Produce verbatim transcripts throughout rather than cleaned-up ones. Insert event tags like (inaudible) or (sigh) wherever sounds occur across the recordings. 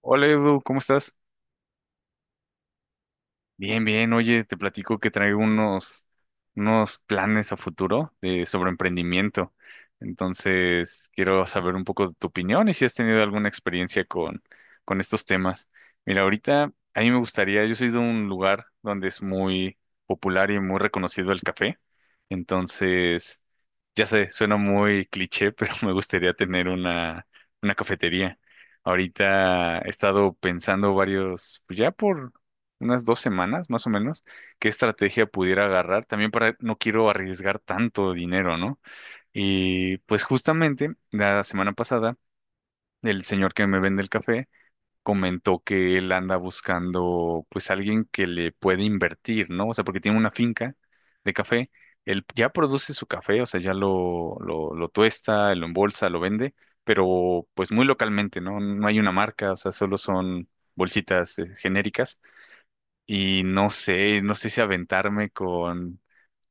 Hola Edu, ¿cómo estás? Bien, bien. Oye, te platico que traigo unos, unos planes a futuro de, sobre emprendimiento. Entonces, quiero saber un poco de tu opinión y si has tenido alguna experiencia con, con estos temas. Mira, ahorita a mí me gustaría, yo soy de un lugar donde es muy popular y muy reconocido el café. Entonces, ya sé, suena muy cliché, (laughs) pero me gustaría tener una, una cafetería. Ahorita he estado pensando varios, pues ya por unas dos semanas más o menos, qué estrategia pudiera agarrar, también para no quiero arriesgar tanto dinero, ¿no? Y pues justamente la semana pasada, el señor que me vende el café comentó que él anda buscando pues alguien que le puede invertir, ¿no? O sea, porque tiene una finca de café, él ya produce su café, o sea, ya lo, lo, lo tuesta, lo embolsa, lo vende, pero pues muy localmente, ¿no? No hay una marca, o sea, solo son bolsitas eh, genéricas y no sé, no sé si aventarme con,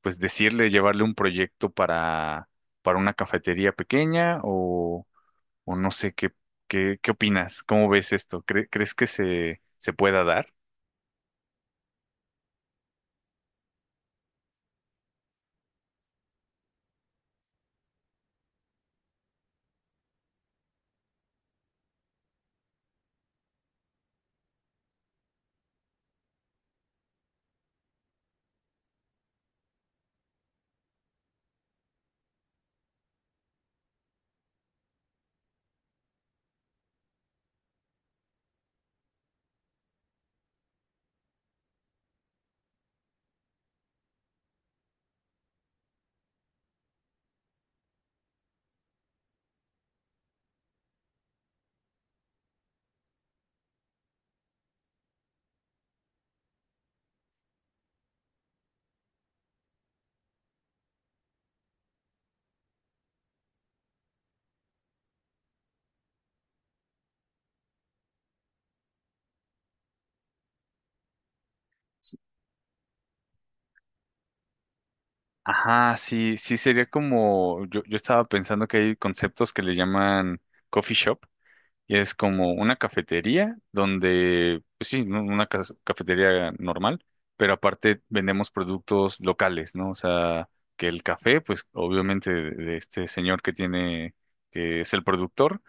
pues decirle, llevarle un proyecto para, para una cafetería pequeña o, o no sé qué, qué, qué opinas, cómo ves esto. ¿Cre- crees que se, se pueda dar? Ajá, sí, sí sería como, yo, yo estaba pensando que hay conceptos que le llaman coffee shop. Y es como una cafetería donde, pues sí, ¿no?, una cas- cafetería normal, pero aparte vendemos productos locales, ¿no? O sea, que el café, pues obviamente de de este señor que tiene, que es el productor,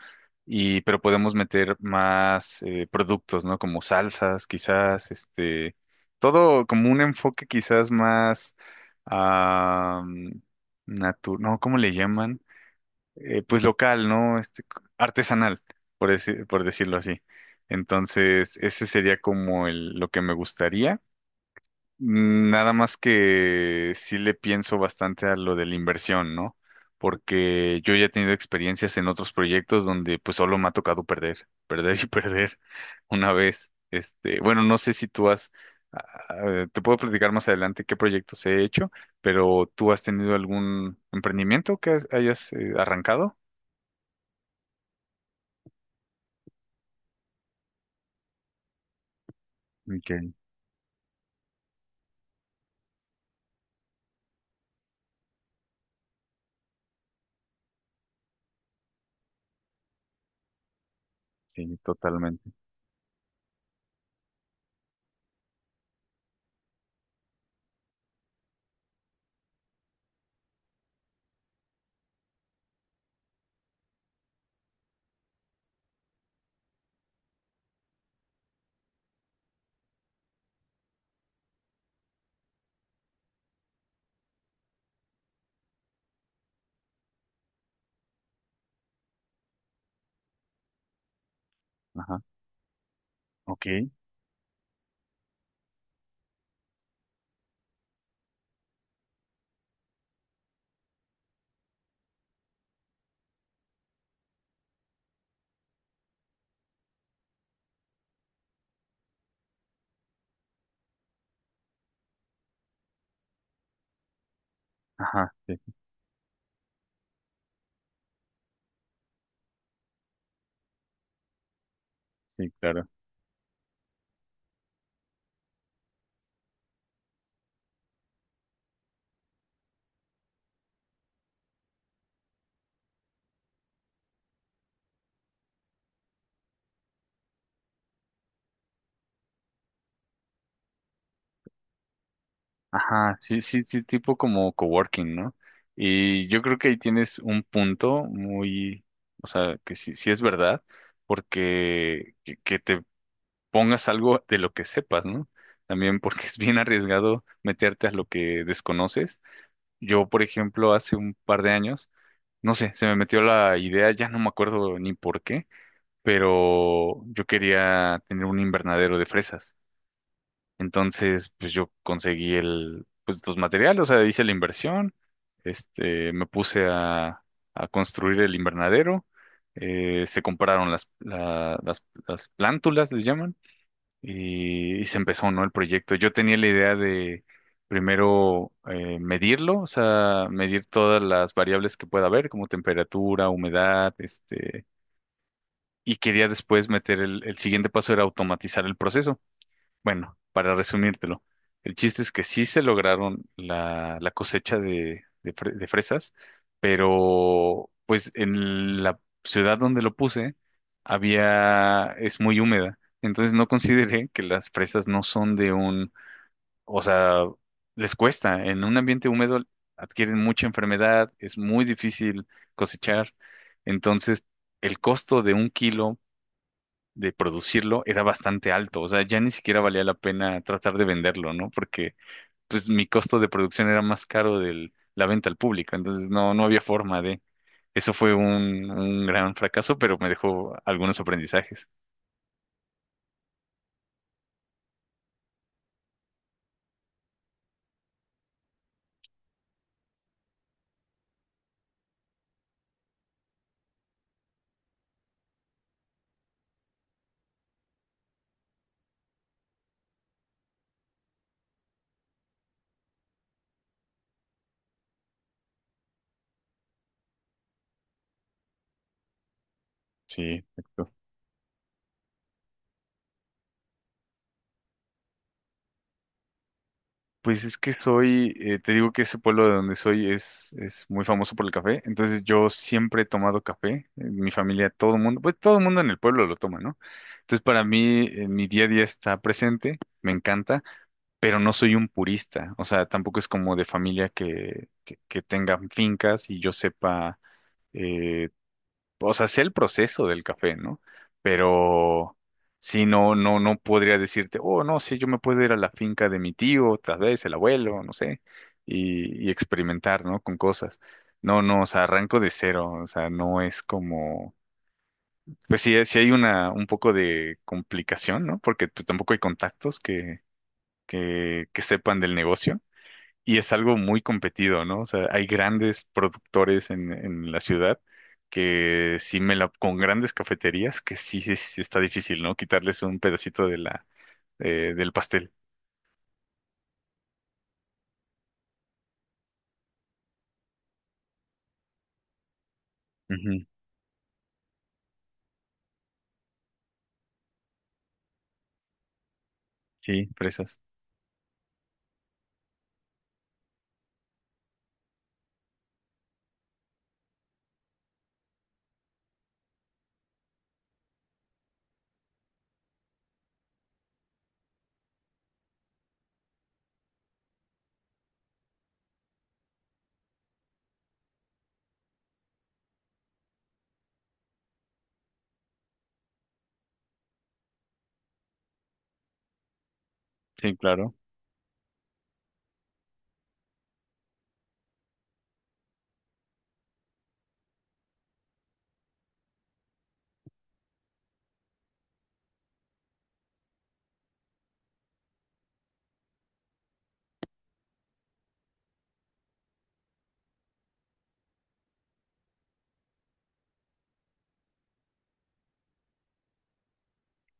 y pero podemos meter más eh, productos, ¿no? Como salsas, quizás, este, todo como un enfoque quizás más, ah, natu- no, ¿cómo le llaman? Eh, pues local, ¿no? Este, artesanal, por deci- por decirlo así. Entonces, ese sería como el, lo que me gustaría. Mm, Nada más que sí le pienso bastante a lo de la inversión, ¿no? Porque yo ya he tenido experiencias en otros proyectos donde pues solo me ha tocado perder, perder y (laughs) perder una vez. Este, bueno, no sé si tú has, ah, ah, te puedo platicar más adelante qué proyectos he hecho, pero ¿tú has tenido algún emprendimiento que has- hayas eh, arrancado? Ok, sí, totalmente. Ajá. Ok. Ajá, sí, sí, claro. Ajá, sí, sí, sí, tipo como coworking, ¿no? Y yo creo que ahí tienes un punto muy, o sea, que sí, sí es verdad, porque que, que te pongas algo de lo que sepas, ¿no? También porque (laughs) es bien arriesgado meterte a lo que desconoces. Yo, por ejemplo, hace un par de años, no sé, se me metió la idea, ya no me acuerdo ni por qué, pero yo quería tener un invernadero de fresas. Entonces, pues yo conseguí el, pues los materiales, o sea, hice la inversión, este, me puse a, a construir el invernadero, eh, se compraron las, la- las, las plántulas, les llaman, y, y se empezó, ¿no? El proyecto. Yo tenía la idea de primero eh, medirlo, o sea, medir todas las variables que pueda haber, como temperatura, humedad, este, y quería después meter el, el siguiente paso era automatizar el proceso. Bueno, para resumírtelo, el chiste es que sí se lograron la, la cosecha de, de fre- de fresas, pero pues en la ciudad donde lo puse había, es muy húmeda, entonces no consideré que las fresas no son de un, o sea, les cuesta, en un ambiente húmedo adquieren mucha enfermedad, es muy difícil cosechar, entonces el costo de un kilo de producirlo era bastante alto, o sea, ya ni siquiera valía la pena tratar de venderlo, ¿no? Porque pues mi costo de producción era más caro de la venta al público, entonces no, no había forma de... Eso fue un, un gran fracaso, pero me dejó algunos aprendizajes. Sí, exacto. Pues es que soy, eh, te digo que ese pueblo de donde soy es, es muy famoso por el café, entonces yo siempre he tomado café, en mi familia, todo el mundo, pues todo el mundo en el pueblo lo toma, ¿no? Entonces para mí, eh, mi día a día está presente, me encanta. Pero no soy un purista, o sea, tampoco es como de familia que, que, que tengan fincas y yo sepa, eh, o sea, sé el proceso del café, ¿no? Pero sí, no, no, no podría decirte, oh, no, sí, yo me puedo ir a la finca de mi tío, tal vez el abuelo, no sé, y, y experimentar, ¿no? Con cosas. No, no, o sea, arranco de cero, o sea, no es como... Pues sí, sí hay una, un poco de complicación, ¿no? Porque pues, tampoco hay contactos que, que, que sepan del negocio. Y es algo muy competido, ¿no? O sea, hay grandes productores en, en la ciudad que sí me la, con grandes cafeterías que sí, sí, sí está difícil, ¿no? Quitarles un pedacito de la, eh, del pastel. Ujú. Sí, fresas. Sí, claro.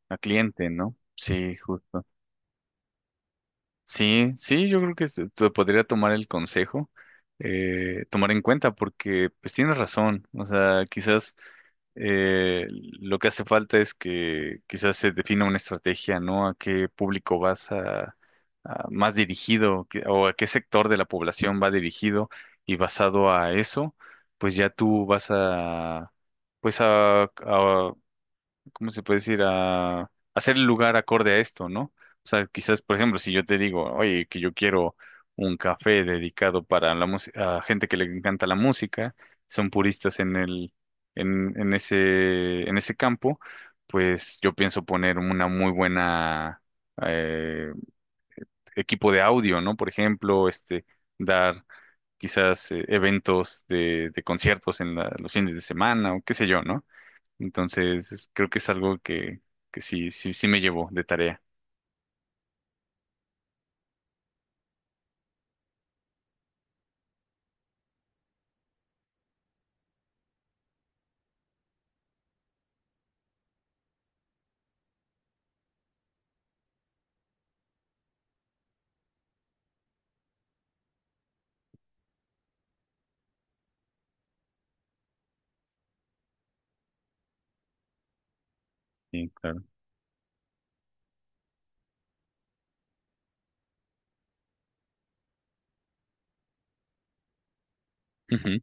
A cliente, ¿no? Sí, justo. Sí, sí, yo creo que se- te podría tomar el consejo, eh, tomar en cuenta, porque pues tienes razón. O sea, quizás eh, lo que hace falta es que quizás se defina una estrategia, ¿no? A qué público vas a, a- más dirigido que- o a qué sector de la población va dirigido y basado a eso, pues ya tú vas a, pues ¿cómo se puede decir? A hacer el lugar acorde a esto, ¿no? O sea, quizás, por ejemplo, si yo te digo, oye, que yo quiero un café dedicado para la música, a gente que le encanta la música, son puristas en el, en, en ese, en ese campo, pues yo pienso poner una muy buena eh, equipo de audio, ¿no? Por ejemplo, este, dar quizás eh, eventos de, de conciertos en la- los fines de semana o qué sé yo, ¿no? Entonces, es- creo que es algo que, que sí, sí, sí me llevó de tarea. Sí, claro. Ujú.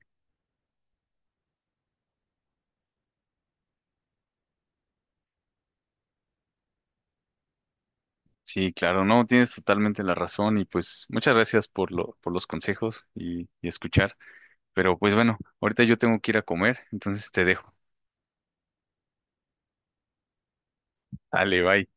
Sí, claro, no, tienes totalmente la razón y pues muchas gracias por lo, por los consejos y, y escuchar. Pero pues bueno, ahorita yo tengo que ir a comer, entonces te dejo. Dale, bye.